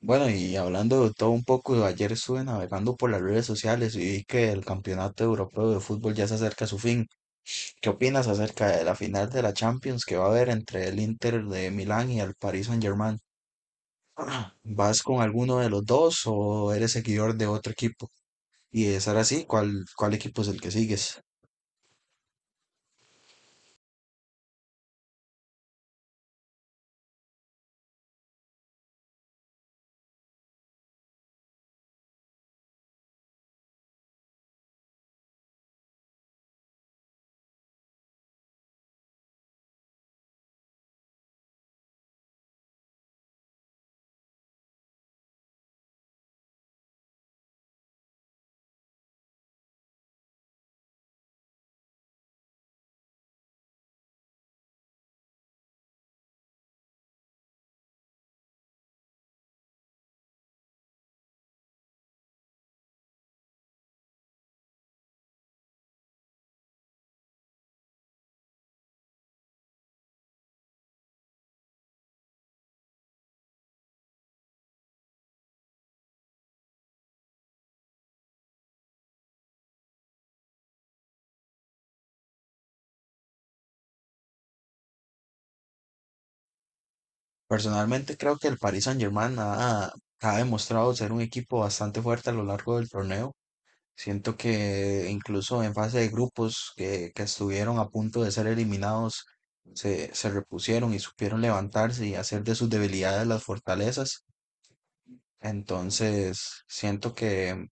Bueno, y hablando de todo un poco, ayer estuve navegando por las redes sociales y vi que el Campeonato Europeo de Fútbol ya se acerca a su fin. ¿Qué opinas acerca de la final de la Champions que va a haber entre el Inter de Milán y el Paris Saint-Germain? ¿Vas con alguno de los dos o eres seguidor de otro equipo? Y de ser así, ¿cuál equipo es el que sigues? Personalmente creo que el Paris Saint-Germain ha demostrado ser un equipo bastante fuerte a lo largo del torneo. Siento que incluso en fase de grupos que estuvieron a punto de ser eliminados, se repusieron y supieron levantarse y hacer de sus debilidades las fortalezas. Entonces, siento que,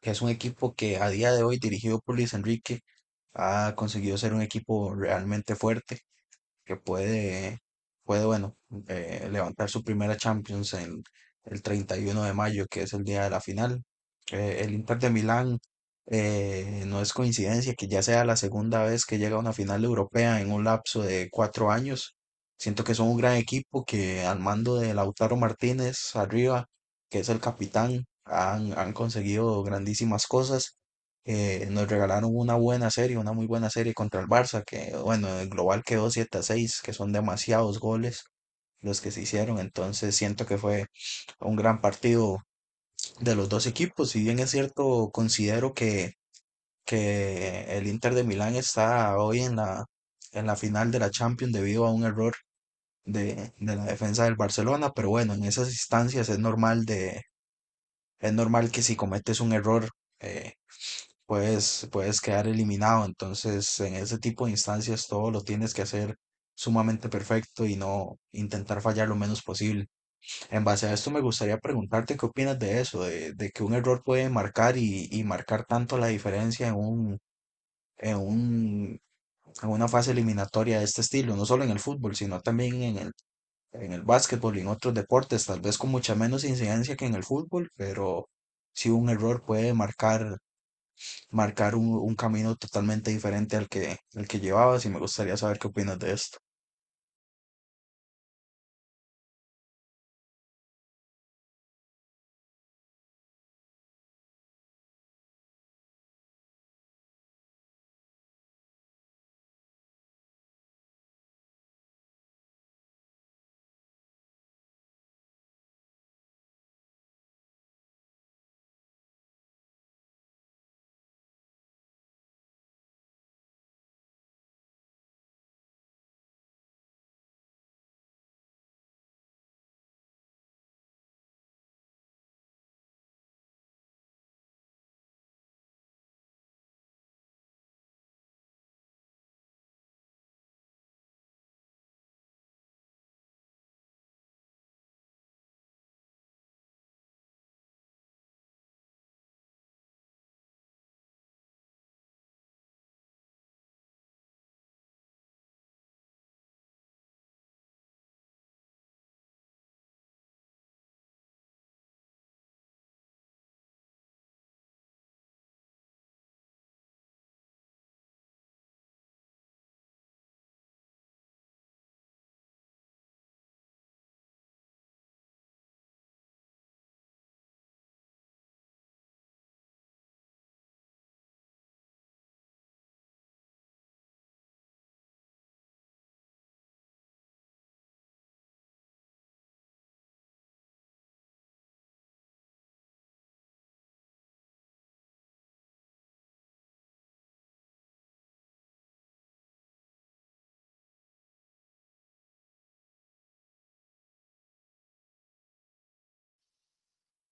que es un equipo que a día de hoy, dirigido por Luis Enrique, ha conseguido ser un equipo realmente fuerte que puede bueno, levantar su primera Champions en el 31 de mayo, que es el día de la final. El Inter de Milán, no es coincidencia que ya sea la segunda vez que llega a una final europea en un lapso de 4 años. Siento que son un gran equipo que al mando de Lautaro Martínez arriba, que es el capitán, han conseguido grandísimas cosas, que nos regalaron una buena serie, una muy buena serie contra el Barça. Que bueno, el global quedó siete a 6, que son demasiados goles los que se hicieron. Entonces siento que fue un gran partido de los dos equipos. Si bien es cierto, considero que el Inter de Milán está hoy en la final de la Champions debido a un error de la defensa del Barcelona, pero bueno, en esas instancias es normal que si cometes un error, eh, puedes quedar eliminado. Entonces, en ese tipo de instancias, todo lo tienes que hacer sumamente perfecto y no intentar fallar lo menos posible. En base a esto, me gustaría preguntarte qué opinas de eso, de que un error puede marcar y marcar tanto la diferencia en un, en una fase eliminatoria de este estilo, no solo en el fútbol, sino también en el básquetbol y en otros deportes, tal vez con mucha menos incidencia que en el fútbol, pero si un error puede marcar un camino totalmente diferente al que, llevabas, y me gustaría saber qué opinas de esto.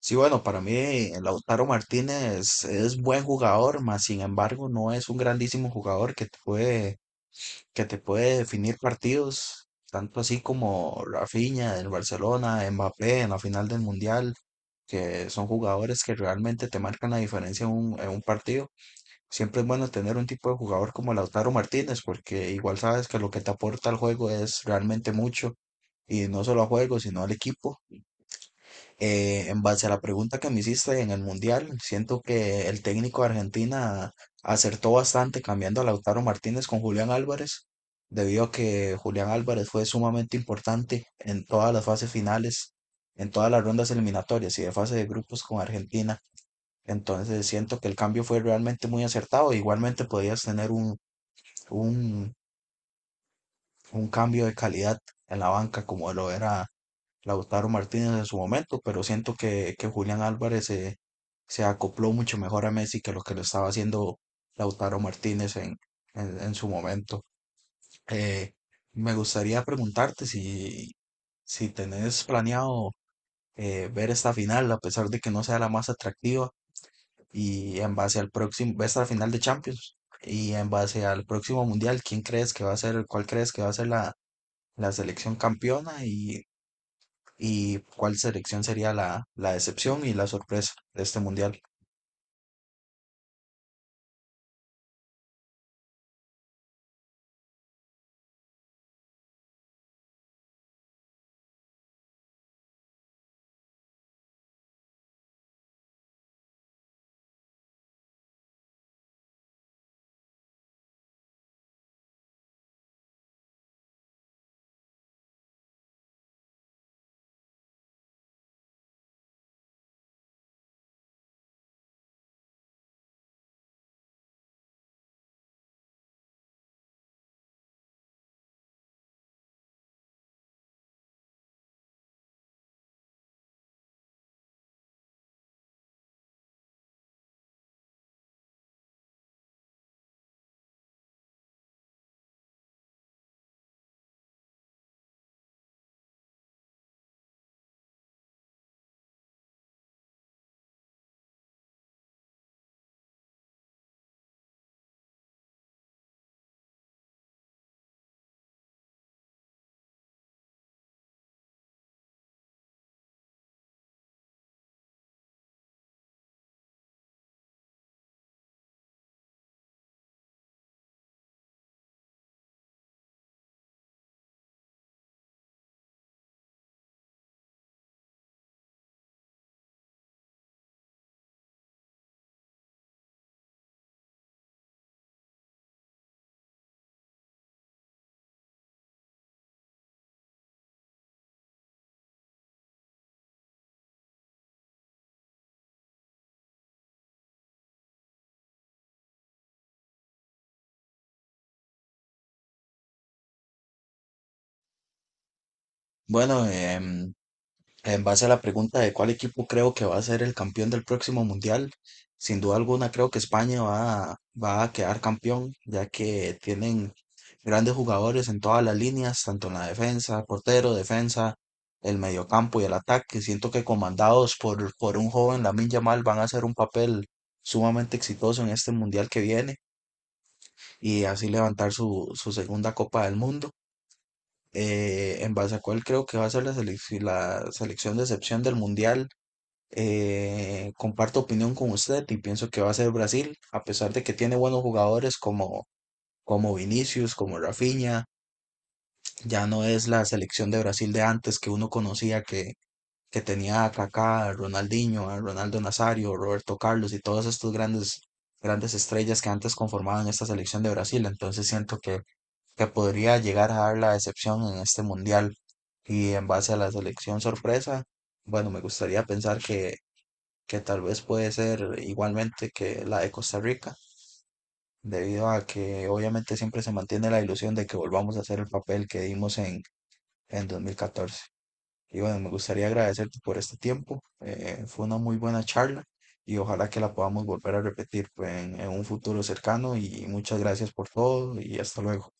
Sí, bueno, para mí Lautaro Martínez es buen jugador, mas sin embargo no es un grandísimo jugador que te puede definir partidos, tanto así como Rafinha en Barcelona, Mbappé en la final del Mundial, que son jugadores que realmente te marcan la diferencia en un partido. Siempre es bueno tener un tipo de jugador como Lautaro Martínez, porque igual sabes que lo que te aporta al juego es realmente mucho, y no solo a juego, sino al equipo. En base a la pregunta que me hiciste en el Mundial, siento que el técnico de Argentina acertó bastante cambiando a Lautaro Martínez con Julián Álvarez, debido a que Julián Álvarez fue sumamente importante en todas las fases finales, en todas las rondas eliminatorias y de fase de grupos con Argentina. Entonces siento que el cambio fue realmente muy acertado. Igualmente podías tener un, un cambio de calidad en la banca como lo era Lautaro Martínez en su momento, pero siento que Julián Álvarez se acopló mucho mejor a Messi que lo estaba haciendo Lautaro Martínez en su momento. Eh, Me gustaría preguntarte si tenés planeado ver esta final, a pesar de que no sea la más atractiva. Y en base al próximo, va a estar la final de Champions. Y en base al próximo mundial, ¿quién crees que va a ser, cuál crees que va a ser la selección campeona y cuál selección sería la decepción y la sorpresa de este mundial? Bueno, en base a la pregunta de cuál equipo creo que va a ser el campeón del próximo mundial, sin duda alguna creo que España va a quedar campeón, ya que tienen grandes jugadores en todas las líneas, tanto en la defensa, portero, defensa, el mediocampo y el ataque. Siento que comandados por un joven Lamine Yamal, van a hacer un papel sumamente exitoso en este mundial que viene, y así levantar su segunda Copa del Mundo. En base a cuál creo que va a ser la, la selección de excepción del mundial. Comparto opinión con usted y pienso que va a ser Brasil, a pesar de que tiene buenos jugadores como, como Vinicius, como Rafinha. Ya no es la selección de Brasil de antes que uno conocía, que tenía a Kaká, a Ronaldinho, a Ronaldo Nazario, Roberto Carlos y todas estas grandes, grandes estrellas que antes conformaban esta selección de Brasil. Entonces siento que podría llegar a dar la excepción en este mundial. Y en base a la selección sorpresa. Bueno, me gustaría pensar que tal vez puede ser igualmente que la de Costa Rica, debido a que obviamente siempre se mantiene la ilusión de que volvamos a hacer el papel que dimos en 2014. Y bueno, me gustaría agradecerte por este tiempo. Eh, fue una muy buena charla y ojalá que la podamos volver a repetir pues, en un futuro cercano. Y muchas gracias por todo y hasta luego.